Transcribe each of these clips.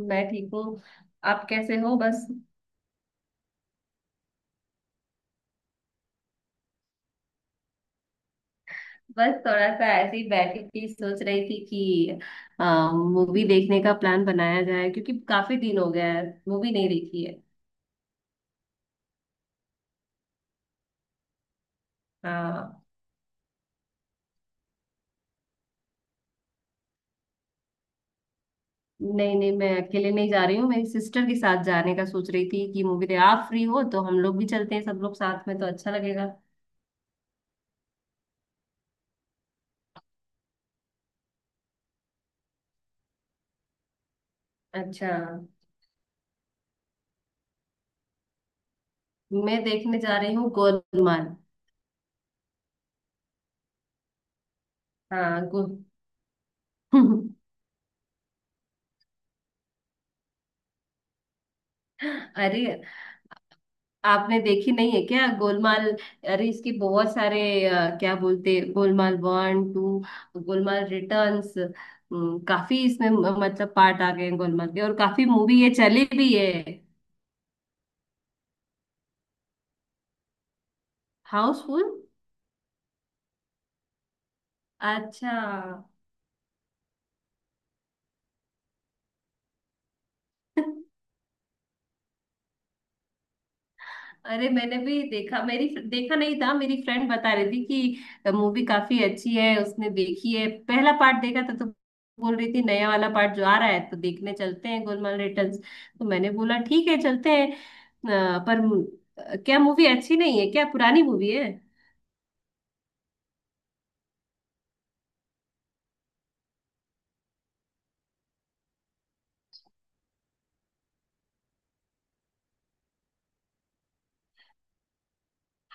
मैं ठीक हूँ। आप कैसे हो? बस। बस थोड़ा सा ऐसे ही बैठी थी, सोच रही थी कि मूवी देखने का प्लान बनाया जाए क्योंकि काफी दिन हो गया है मूवी नहीं देखी है। हाँ। नहीं नहीं मैं अकेले नहीं जा रही हूँ, मेरी सिस्टर के साथ जाने का सोच रही थी कि मूवी दे आप फ्री हो तो हम लोग भी चलते हैं, सब लोग साथ में तो अच्छा लगेगा। अच्छा। मैं देखने जा रही हूँ गोलमाल। हाँ गो अरे आपने देखी नहीं है क्या गोलमाल? अरे इसकी बहुत सारे क्या बोलते Golmaal one two, Golmaal Returns. काफी इसमें मतलब पार्ट आ गए हैं गोलमाल के और काफी मूवी ये चली भी है। हाउसफुल। अच्छा। अरे मैंने भी देखा, मेरी देखा नहीं था, मेरी फ्रेंड बता रही थी कि मूवी काफी अच्छी है, उसने देखी है पहला पार्ट देखा था, तो बोल रही थी नया वाला पार्ट जो आ रहा है तो देखने चलते हैं गोलमाल रिटर्न्स। तो मैंने बोला ठीक है चलते हैं, पर क्या मूवी अच्छी नहीं है क्या? पुरानी मूवी है?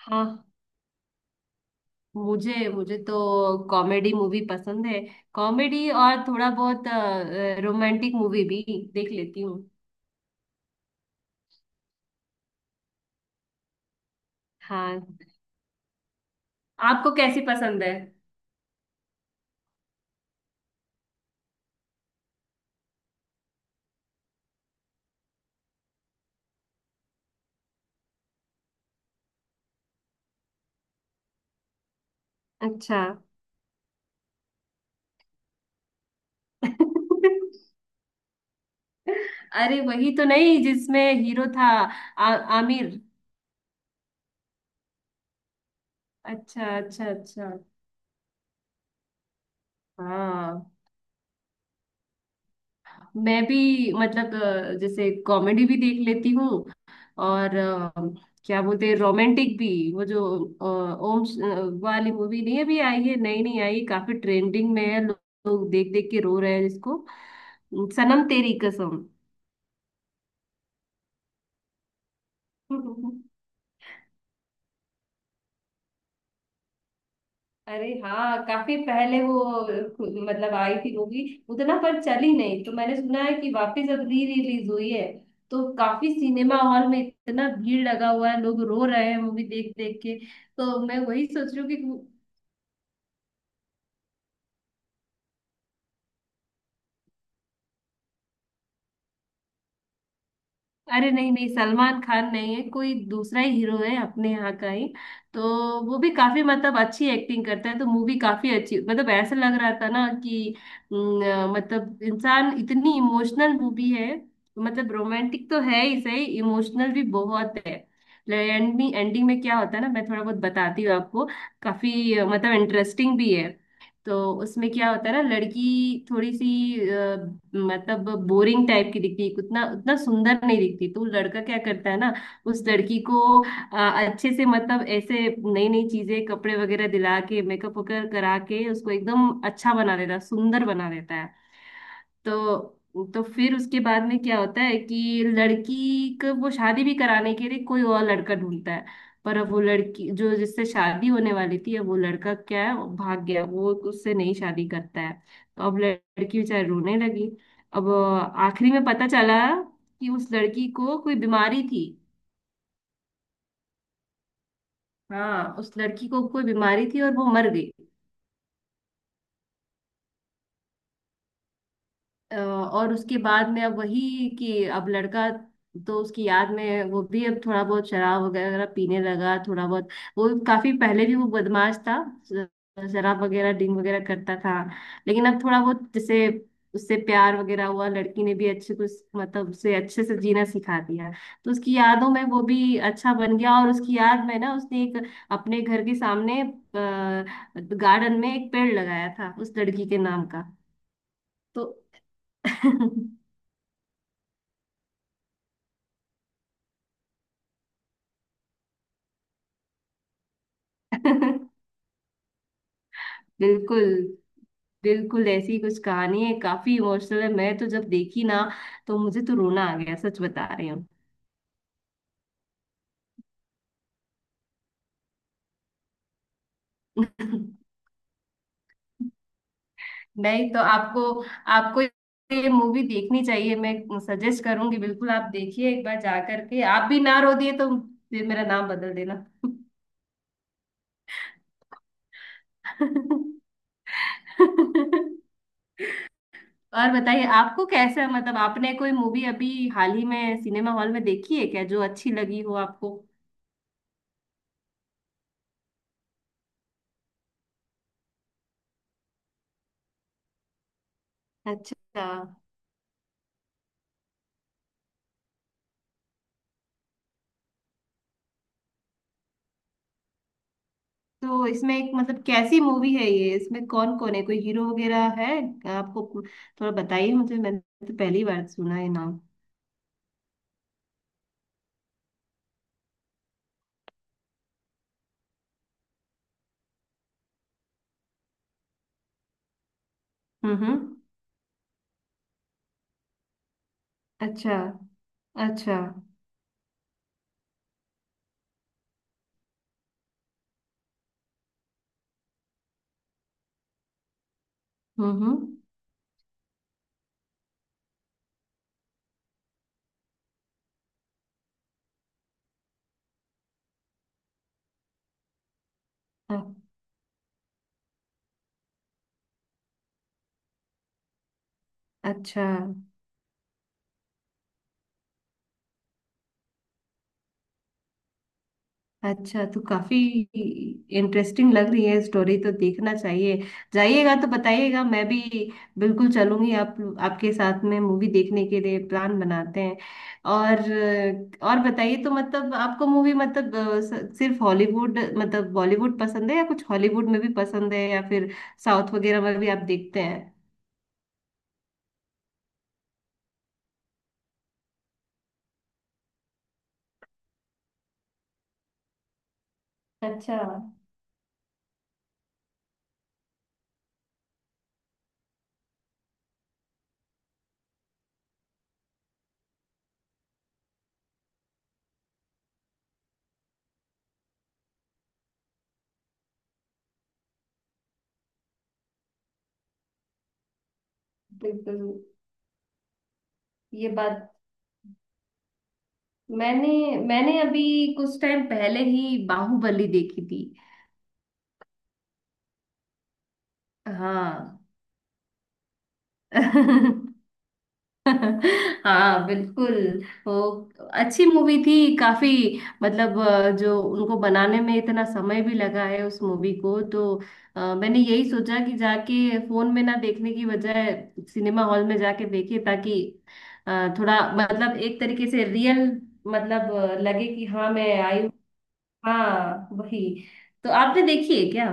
हाँ। मुझे मुझे तो कॉमेडी मूवी पसंद है। कॉमेडी और थोड़ा बहुत रोमांटिक मूवी भी देख लेती हूँ। हाँ। आपको कैसी पसंद है? अच्छा। अरे वही तो नहीं जिसमें हीरो था? आ, आमिर। अच्छा अच्छा अच्छा। हाँ। मैं भी, मतलब जैसे कॉमेडी भी देख लेती हूँ। और क्या बोलते हैं रोमांटिक भी। वो जो ओम वाली मूवी नहीं अभी आई है, नई नहीं आई, काफी ट्रेंडिंग में है, लोग देख देख के रो रहे हैं इसको। सनम तेरी कसम। अरे हाँ काफी पहले वो मतलब आई थी मूवी, उतना पर चली नहीं, तो मैंने सुना है कि वापस अब री रिलीज हुई है, तो काफी सिनेमा हॉल में इतना भीड़ लगा हुआ है, लोग रो रहे हैं मूवी देख देख के। तो मैं वही सोच रही हूँ। अरे नहीं नहीं सलमान खान नहीं है, कोई दूसरा ही हीरो है अपने यहाँ का ही। तो वो भी काफी मतलब अच्छी एक्टिंग करता है, तो मूवी काफी अच्छी, मतलब ऐसा लग रहा था ना कि न, मतलब इंसान इतनी इमोशनल मूवी है। मतलब रोमांटिक तो है ही, सही, इमोशनल भी बहुत है। एंडिंग एंडिंग में क्या होता है ना मैं थोड़ा बहुत बताती हूँ आपको। काफी मतलब इंटरेस्टिंग भी है। तो उसमें क्या होता है ना, लड़की थोड़ी सी अ, मतलब बोरिंग टाइप की दिखती है, उतना उतना सुंदर नहीं दिखती, तो लड़का क्या करता है ना, उस लड़की को अच्छे से, मतलब ऐसे नई नई चीजें कपड़े वगैरह दिला के, मेकअप वगैरह करा के उसको एकदम अच्छा बना देता है, सुंदर बना देता है। तो फिर उसके बाद में क्या होता है कि लड़की को वो शादी भी कराने के लिए कोई और लड़का ढूंढता है। पर अब वो लड़की जो जिससे शादी होने वाली थी, अब वो लड़का क्या है, वो भाग गया, वो उससे नहीं शादी करता है। तो अब लड़की बेचारी रोने लगी। अब आखिरी में पता चला कि उस लड़की को कोई बीमारी थी। हाँ उस लड़की को कोई बीमारी थी और वो मर गई। और उसके बाद में अब वही कि अब लड़का, तो उसकी याद में वो भी अब थोड़ा बहुत शराब वगैरह पीने लगा थोड़ा बहुत। वो काफी पहले भी वो बदमाश था, ज- शराब वगैरह ड्रिंक वगैरह करता था। लेकिन अब थोड़ा बहुत जैसे उससे प्यार वगैरह हुआ, लड़की ने भी अच्छे कुछ मतलब उसे अच्छे से जीना सिखा दिया। तो उसकी यादों में वो भी अच्छा बन गया, और उसकी याद में ना उसने एक अपने घर के सामने गार्डन में एक पेड़ लगाया था उस लड़की के नाम का। तो बिल्कुल। बिल्कुल ऐसी कुछ कहानी है, काफी इमोशनल है। मैं तो जब देखी ना तो मुझे तो रोना आ गया, सच बता रही हूँ। नहीं, तो आपको, आपको ये मूवी देखनी चाहिए, मैं सजेस्ट करूंगी बिल्कुल। आप देखिए एक बार जा करके, आप भी ना रो दिए तो फिर मेरा नाम बदल देना। और बताइए, आपको कैसा मतलब आपने कोई मूवी अभी हाल ही में सिनेमा हॉल में देखी है क्या जो अच्छी लगी हो आपको? अच्छा। तो इसमें एक मतलब कैसी मूवी है ये? इसमें कौन कौन है? कोई हीरो वगैरह है? आपको थोड़ा बताइए मुझे, मैंने तो पहली बार सुना है नाम। हम्म। अच्छा अच्छा। हम्म। अ- अच्छा। अच्छा, तो काफी इंटरेस्टिंग लग रही है स्टोरी, तो देखना चाहिए। जाइएगा तो बताइएगा, मैं भी बिल्कुल चलूंगी आप, आपके साथ में मूवी देखने के लिए प्लान बनाते हैं। और और बताइए तो, मतलब आपको मूवी, मतलब सिर्फ हॉलीवुड मतलब बॉलीवुड पसंद है या कुछ हॉलीवुड में भी पसंद है, या फिर साउथ वगैरह में भी आप देखते हैं? अच्छा। बिल्कुल ये बात। मैंने मैंने अभी कुछ टाइम पहले ही बाहुबली देखी थी। हाँ। हाँ बिल्कुल। वो अच्छी मूवी थी काफी, मतलब जो उनको बनाने में इतना समय भी लगा है उस मूवी को, तो मैंने यही सोचा कि जाके फोन में ना देखने की बजाय सिनेमा हॉल में जाके देखे, ताकि थोड़ा मतलब एक तरीके से रियल, मतलब लगे कि हाँ मैं आई हूँ। हाँ वही। तो आपने देखी है क्या?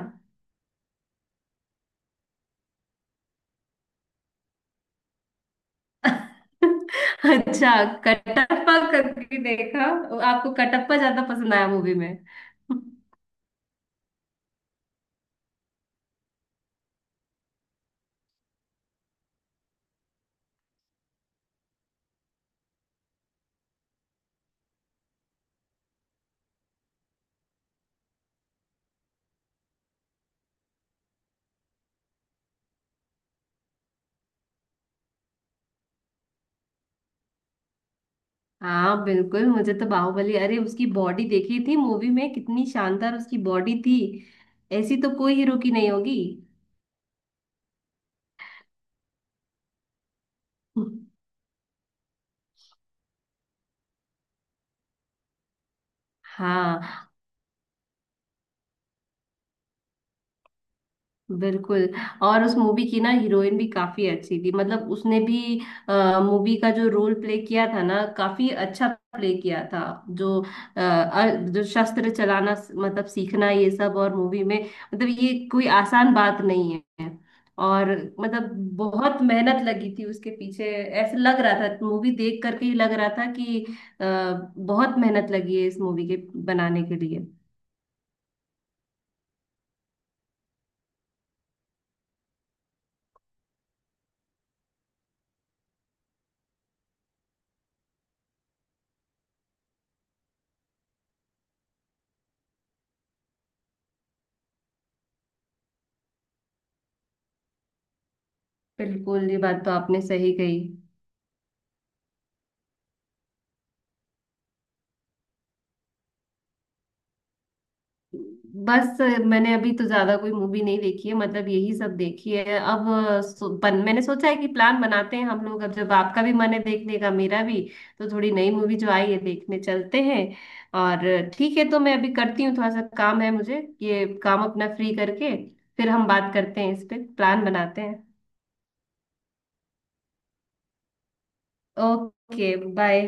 अच्छा, कटप्पा कभी देखा? आपको कटप्पा ज्यादा पसंद आया मूवी में? हाँ बिल्कुल, मुझे तो बाहुबली, अरे उसकी बॉडी देखी थी मूवी में कितनी शानदार उसकी बॉडी थी। ऐसी तो कोई हीरो की नहीं होगी। हाँ बिल्कुल। और उस मूवी की ना हीरोइन भी काफी अच्छी थी, मतलब उसने भी मूवी का जो रोल प्ले किया था ना, काफी अच्छा प्ले किया था। जो अ, अ, जो शस्त्र चलाना, मतलब सीखना, ये सब और मूवी में, मतलब ये कोई आसान बात नहीं है। और मतलब बहुत मेहनत लगी थी उसके पीछे, ऐसे लग रहा था मूवी देख करके ही लग रहा था कि अ, बहुत मेहनत लगी है इस मूवी के बनाने के लिए। बिल्कुल ये बात तो आपने सही कही। बस मैंने अभी तो ज्यादा कोई मूवी नहीं देखी है, मतलब यही सब देखी है। अब सो, मैंने सोचा है कि प्लान बनाते हैं हम लोग, अब जब आपका भी मन है देखने का मेरा भी, तो थोड़ी नई मूवी जो आई है देखने चलते हैं। और ठीक है, तो मैं अभी करती हूँ, थोड़ा सा काम है मुझे, ये काम अपना फ्री करके फिर हम बात करते हैं, इस पे प्लान बनाते हैं। Okay bye.